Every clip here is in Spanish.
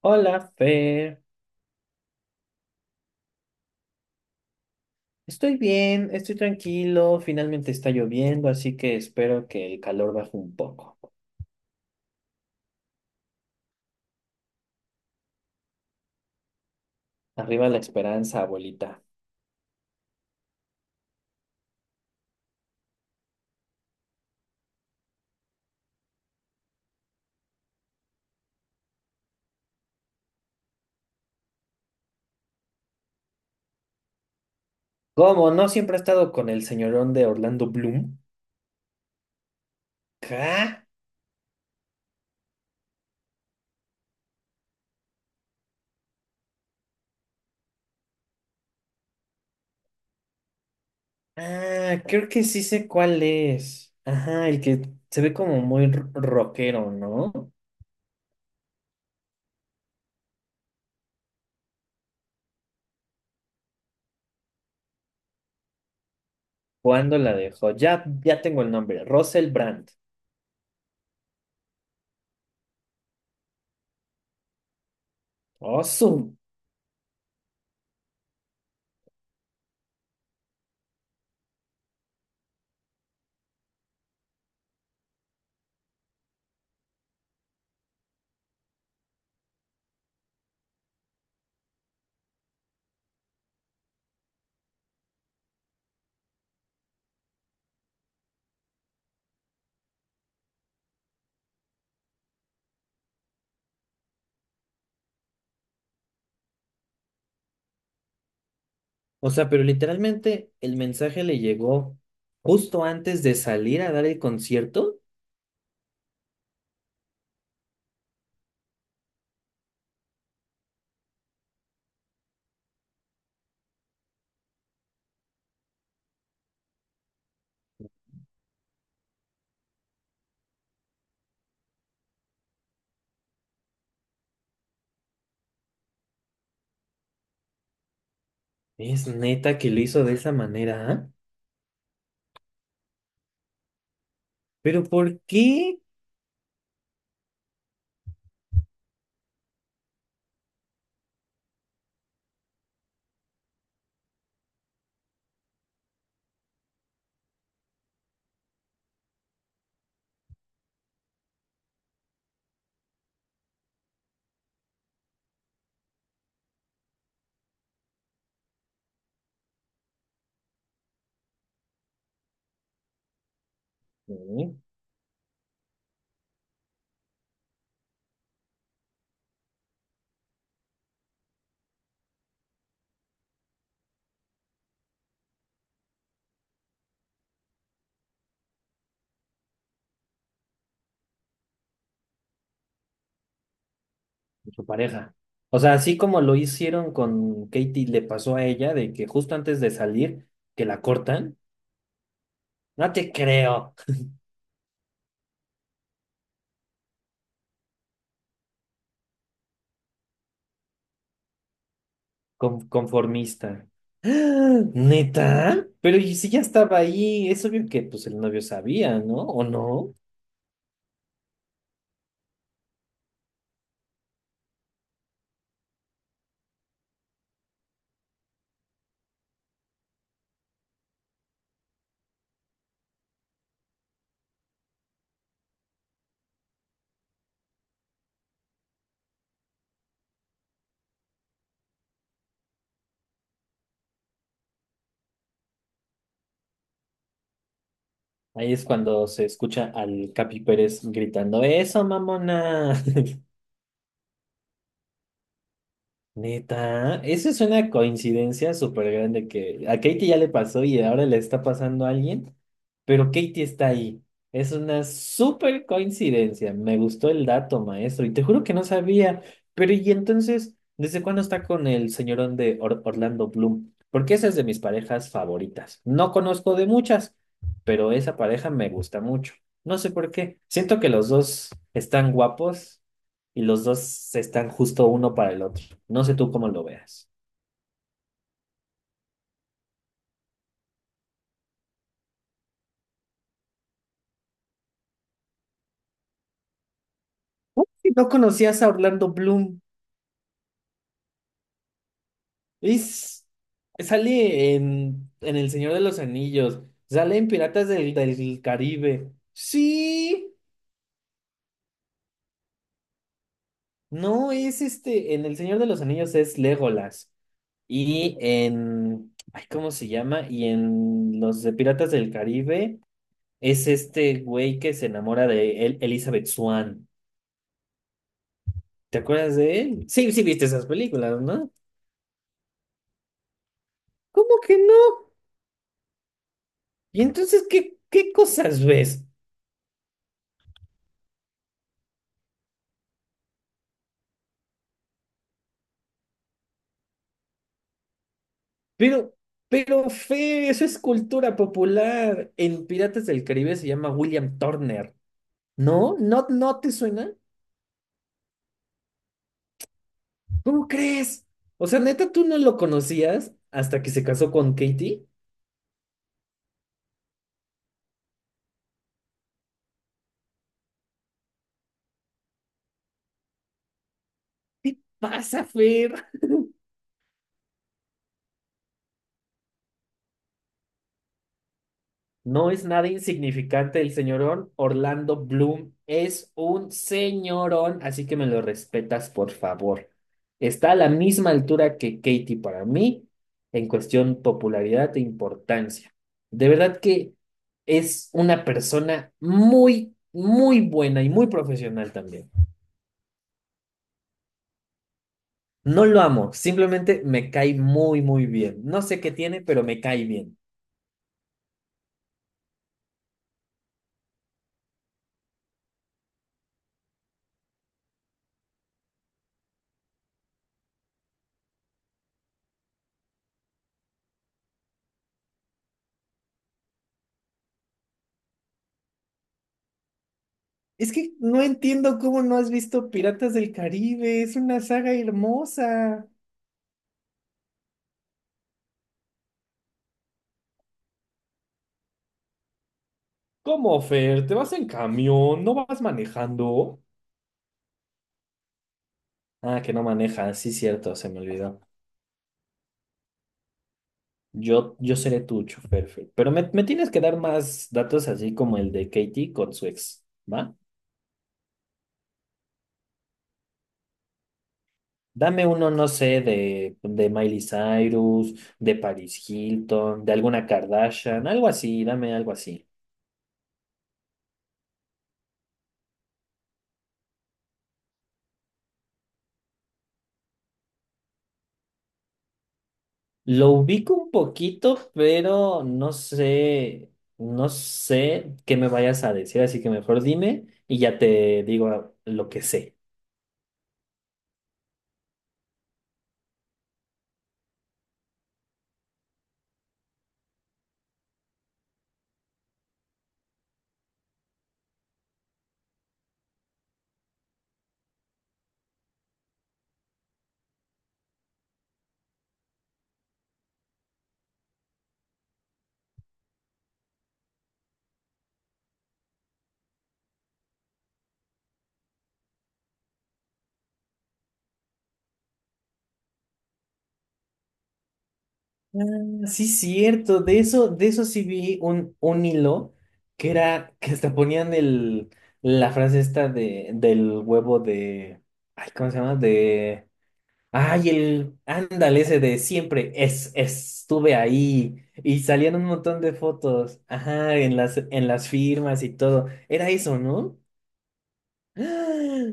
Hola, Fer. Estoy bien, estoy tranquilo. Finalmente está lloviendo, así que espero que el calor baje un poco. Arriba la esperanza, abuelita. ¿Cómo? ¿No siempre ha estado con el señorón de Orlando Bloom? ¿Ca? Ah, creo que sí sé cuál es. Ajá, el que se ve como muy rockero, ¿no? ¿Cuándo la dejó? Ya tengo el nombre. Russell Brand. Awesome. O sea, pero literalmente el mensaje le llegó justo antes de salir a dar el concierto. Es neta que lo hizo de esa manera, ¿ah? Pero ¿por qué? Mm, Su pareja. O sea, así como lo hicieron con Katie, le pasó a ella de que justo antes de salir, que la cortan. No te creo. Conformista. ¡Ah! ¿Neta? Pero ¿y si ya estaba ahí? Es obvio que pues el novio sabía, ¿no? ¿O no? Ahí es cuando se escucha al Capi Pérez gritando, ¡Eso, mamona! Neta, eso es una coincidencia súper grande que a Katie ya le pasó y ahora le está pasando a alguien, pero Katie está ahí. Es una súper coincidencia. Me gustó el dato, maestro, y te juro que no sabía. Pero, ¿y entonces, desde cuándo está con el señorón de Orlando Bloom? Porque esa es de mis parejas favoritas. No conozco de muchas, pero esa pareja me gusta mucho. No sé por qué. Siento que los dos están guapos y los dos están justo uno para el otro. No sé tú cómo lo veas. Uy, si no conocías a Orlando Bloom. Es, sale en El Señor de los Anillos. Sale en Piratas del Caribe. Sí. No, es este. En El Señor de los Anillos es Legolas. Y en. Ay, ¿cómo se llama? Y en los de Piratas del Caribe es este güey que se enamora de Elizabeth Swann. ¿Te acuerdas de él? Sí, viste esas películas, ¿no? ¿Cómo que no? Y entonces, ¿qué, qué cosas ves? Pero, pero, Fe, eso es cultura popular. En Piratas del Caribe se llama William Turner. ¿No? ¿No te suena? ¿Cómo crees? O sea, neta, tú no lo conocías hasta que se casó con Katie. ¿Qué pasa, Fer? No es nada insignificante el señorón. Orlando Bloom es un señorón, así que me lo respetas, por favor. Está a la misma altura que Katy para mí en cuestión popularidad e importancia. De verdad que es una persona muy, muy buena y muy profesional también. No lo amo, simplemente me cae muy, muy bien. No sé qué tiene, pero me cae bien. Es que no entiendo cómo no has visto Piratas del Caribe, es una saga hermosa. ¿Cómo, Fer? ¿Te vas en camión? ¿No vas manejando? Ah, que no maneja, sí, cierto, se me olvidó. Yo seré tu chofer, Fer. Pero me tienes que dar más datos así como el de Katie con su ex, ¿va? Dame uno, no sé, de Miley Cyrus, de Paris Hilton, de alguna Kardashian, algo así, dame algo así. Lo ubico un poquito, pero no sé, no sé qué me vayas a decir, así que mejor dime y ya te digo lo que sé. Sí, cierto, de eso sí vi un hilo que era que hasta ponían el, la frase esta de, del huevo de, ay, ¿cómo se llama? De ay, el ándale ese de siempre es, estuve ahí y salían un montón de fotos, ajá, en las firmas y todo. Era eso, ¿no? ¡Ah!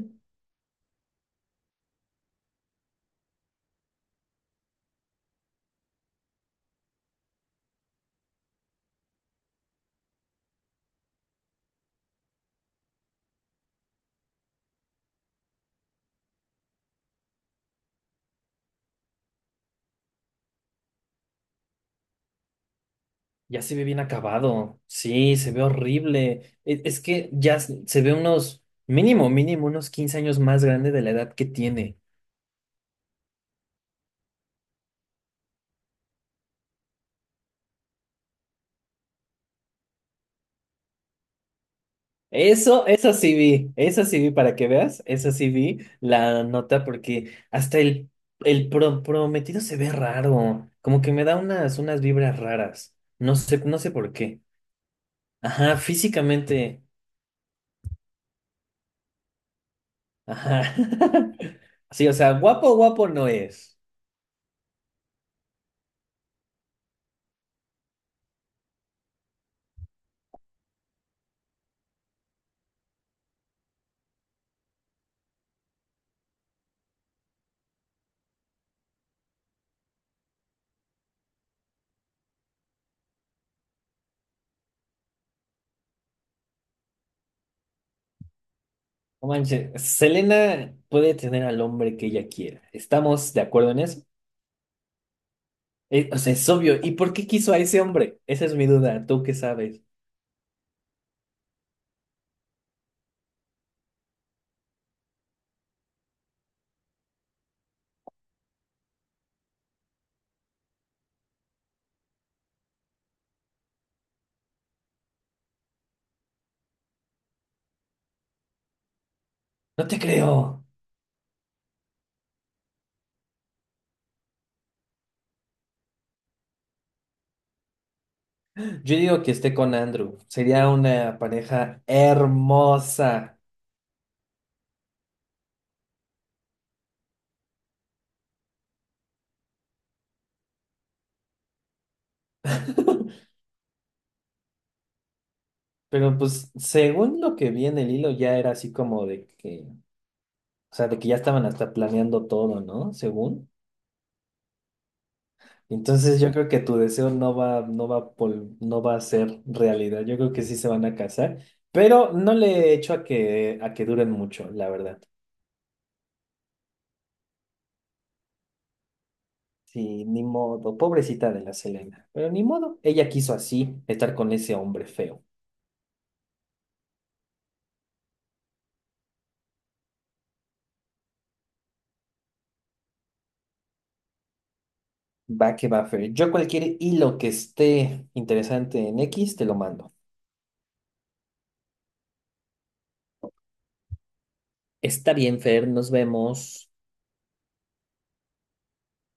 Ya se ve bien acabado. Sí, se ve horrible. E- Es, que ya se ve unos mínimo unos 15 años más grande de la edad que tiene. Eso, eso sí vi para que veas, eso sí vi la nota porque hasta el prometido se ve raro, como que me da unas, unas vibras raras, no sé, no sé por qué. Ajá, físicamente, ajá. Sí, o sea, guapo, guapo no es. No manches, Selena puede tener al hombre que ella quiera. ¿Estamos de acuerdo en eso? O sea, es obvio. ¿Y por qué quiso a ese hombre? Esa es mi duda, ¿tú qué sabes? No te creo. Yo digo que esté con Andrew. Sería una pareja hermosa. Pero pues según lo que vi en el hilo ya era así como de que, o sea, de que ya estaban hasta planeando todo, ¿no? Según. Entonces yo creo que tu deseo no va, no va, no va a ser realidad. Yo creo que sí se van a casar, pero no le echo a que duren mucho, la verdad. Sí, ni modo. Pobrecita de la Selena. Pero ni modo. Ella quiso así estar con ese hombre feo. Va que va, Fer. Yo cualquier hilo que esté interesante en X, te lo mando. Está bien, Fer, nos vemos.